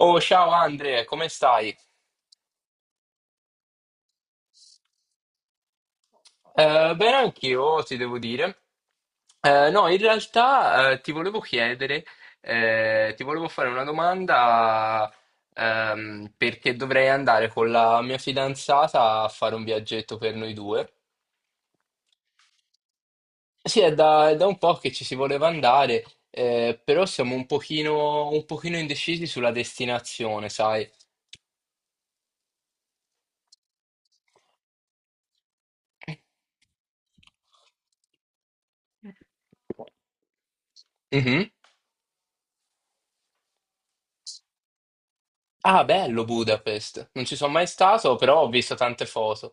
Oh, ciao Andre, come stai? Bene, anch'io ti devo dire. No, in realtà, ti volevo chiedere, ti volevo fare una domanda, perché dovrei andare con la mia fidanzata a fare un viaggetto per noi due. Sì, è da un po' che ci si voleva andare, però siamo un pochino indecisi sulla destinazione, sai? Mhm. Ah, bello Budapest. Non ci sono mai stato, però ho visto tante foto.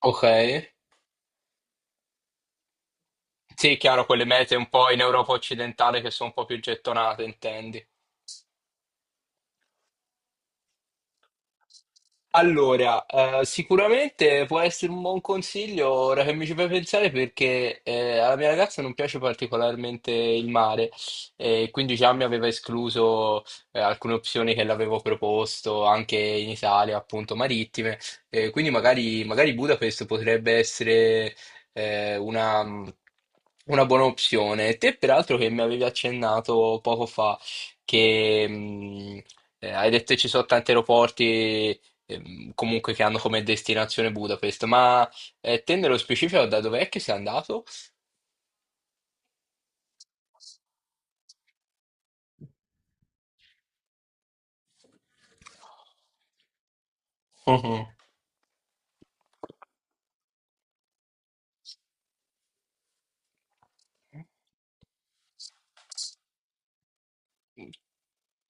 Ok. Sì, chiaro, quelle mete un po' in Europa occidentale che sono un po' più gettonate, intendi. Allora, sicuramente può essere un buon consiglio ora che mi ci fai pensare, perché alla mia ragazza non piace particolarmente il mare, e quindi già mi aveva escluso alcune opzioni che l'avevo proposto anche in Italia, appunto marittime. Quindi magari Budapest potrebbe essere eh, una, una buona opzione. Te peraltro, che mi avevi accennato poco fa che hai detto che ci sono tanti aeroporti, comunque, che hanno come destinazione Budapest. Ma te, nello specifico, da dov'è che sei andato? Mhm.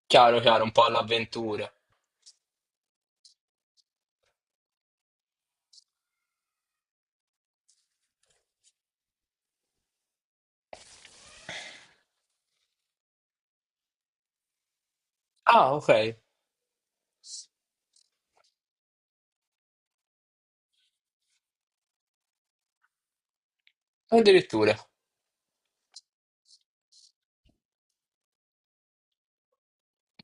Chiaro, chiaro, un po' all'avventura. Ah, ok, addirittura.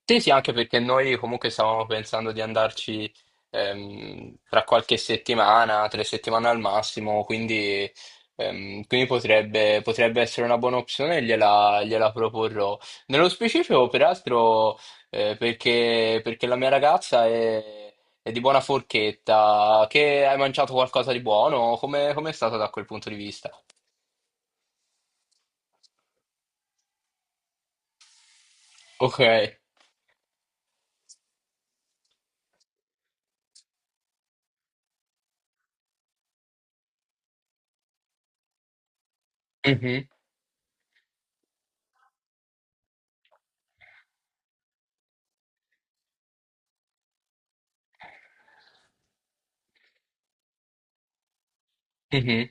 Sì, sì, anche perché noi comunque stavamo pensando di andarci, tra qualche settimana, 3 settimane al massimo. Quindi potrebbe essere una buona opzione, gliela proporrò. Nello specifico, peraltro, perché la mia ragazza è di buona forchetta. Che hai mangiato qualcosa di buono, come è stato da quel punto di vista? Ok. Mhm, mhm.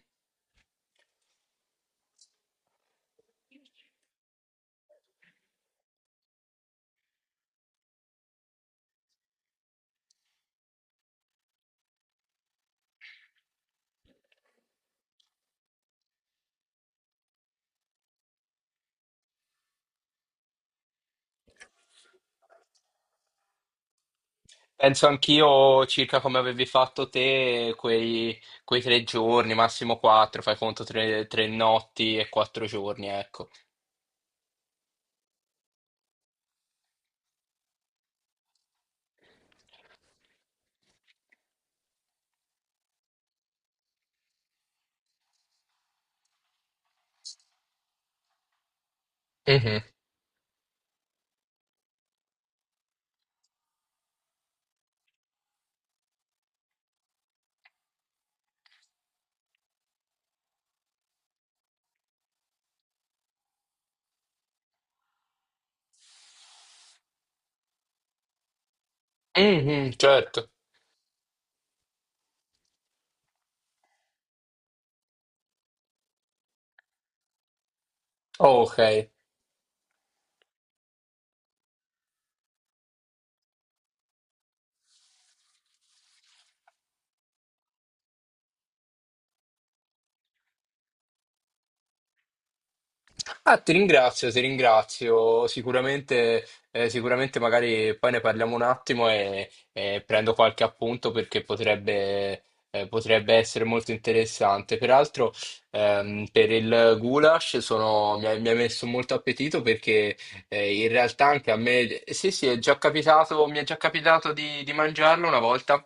Penso anch'io, circa come avevi fatto te, quei 3 giorni, massimo quattro, fai conto 3 notti e 4 giorni, ecco. Mhm. Mhm, certo. Ok. Ah, ti ringrazio, ti ringrazio. Sicuramente magari poi ne parliamo un attimo, e prendo qualche appunto perché potrebbe essere molto interessante. Peraltro, per il goulash mi ha messo molto appetito, perché in realtà, anche a me, sì, sì, mi è già capitato di mangiarlo una volta.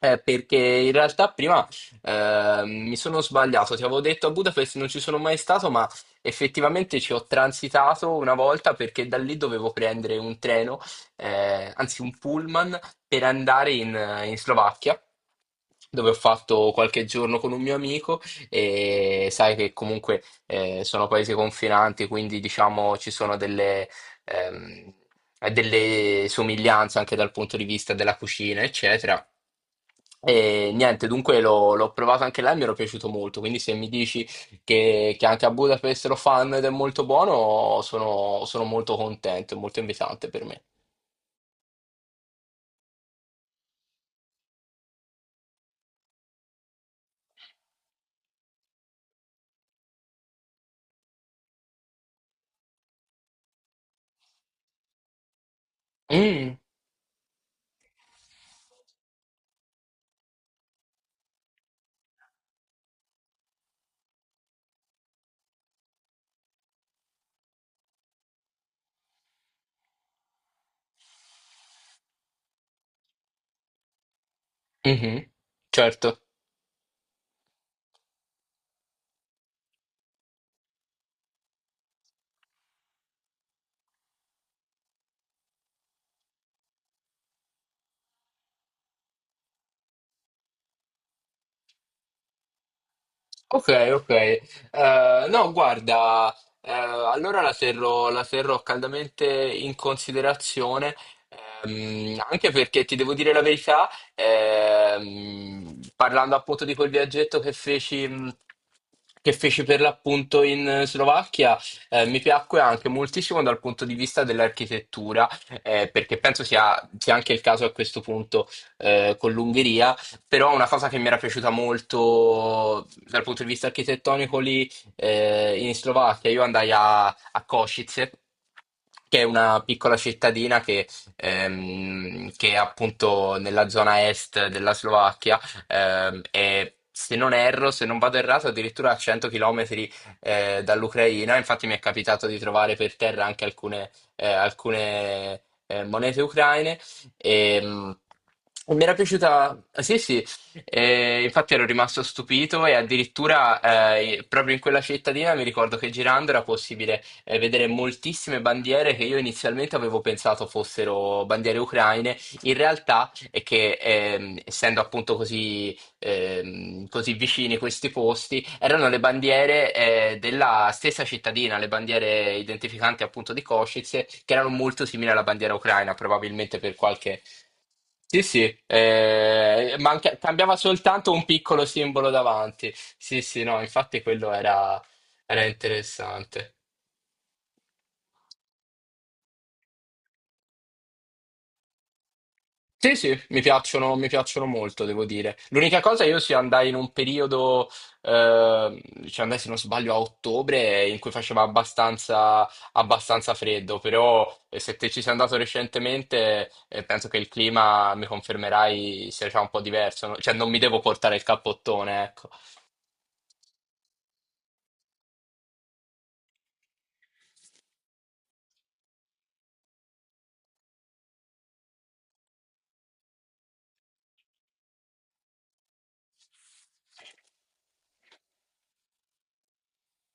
Perché in realtà prima, mi sono sbagliato, ti avevo detto a Budapest non ci sono mai stato, ma effettivamente ci ho transitato una volta, perché da lì dovevo prendere un treno, anzi un pullman, per andare in Slovacchia, dove ho fatto qualche giorno con un mio amico. E sai che comunque, sono paesi confinanti, quindi diciamo ci sono delle, ehm, delle somiglianze anche dal punto di vista della cucina, eccetera. E niente, dunque l'ho provato anche là e mi era piaciuto molto, quindi se mi dici che anche a Budapest lo fanno ed è molto buono, sono molto contento, è molto invitante per me. Mm, mhm, certo. Ok, ok. No, guarda, allora la terrò caldamente in considerazione, anche perché ti devo dire la verità. Parlando appunto di quel viaggetto che feci, per l'appunto in Slovacchia, mi piacque anche moltissimo dal punto di vista dell'architettura, perché penso sia anche il caso, a questo punto, con l'Ungheria. Però una cosa che mi era piaciuta molto dal punto di vista architettonico lì, in Slovacchia: io andai a Košice, che è una piccola cittadina che è appunto nella zona est della Slovacchia. E se non erro, se non vado errato, addirittura a 100 km dall'Ucraina. Infatti mi è capitato di trovare per terra anche alcune monete ucraine. E, mi era piaciuta, sì, sì. Infatti ero rimasto stupito, e addirittura proprio in quella cittadina mi ricordo che, girando, era possibile vedere moltissime bandiere che io inizialmente avevo pensato fossero bandiere ucraine. In realtà, e che, essendo appunto così, così vicini questi posti, erano le bandiere della stessa cittadina, le bandiere identificanti, appunto, di Kosice, che erano molto simili alla bandiera ucraina, probabilmente per qualche. Sì, sì, cambiava soltanto un piccolo simbolo davanti. Sì, sì, no, infatti quello era interessante. Sì, sì, mi piacciono molto, devo dire. L'unica cosa, io sì, andai in un periodo, cioè andai, se non sbaglio, a ottobre, in cui faceva abbastanza freddo. Però, se te ci sei andato recentemente, penso che il clima, mi confermerai, sia già un po' diverso, no? Cioè non mi devo portare il cappottone, ecco.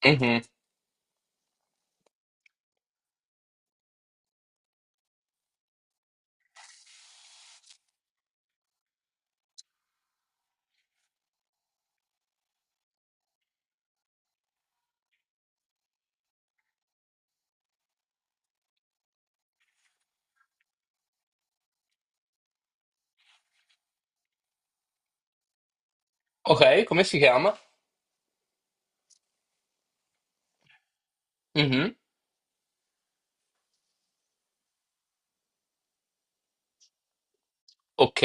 Mhm. Ok, come si chiama? Mhm. Ok,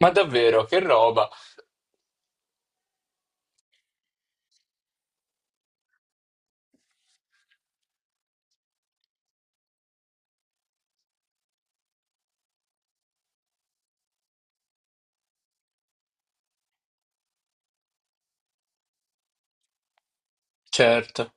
ma davvero, che roba, certo.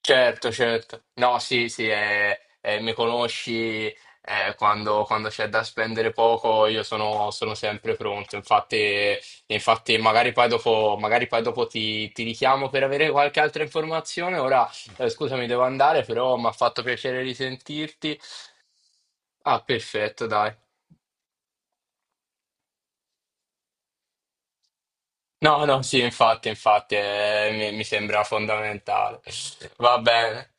Certo, certo. No, sì, sì, mi conosci, quando c'è da spendere poco, io sono sempre pronto. Infatti, infatti, magari poi dopo ti richiamo per avere qualche altra informazione. Ora, scusami, devo andare, però mi ha fatto piacere risentirti. Ah, perfetto, dai. No, no, sì, infatti, infatti, mi sembra fondamentale. Va bene,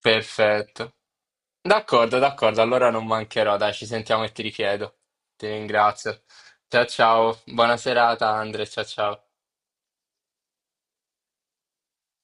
perfetto. D'accordo, d'accordo, allora non mancherò, dai, ci sentiamo e ti richiedo. Ti ringrazio. Ciao ciao, buona serata Andre, ciao ciao.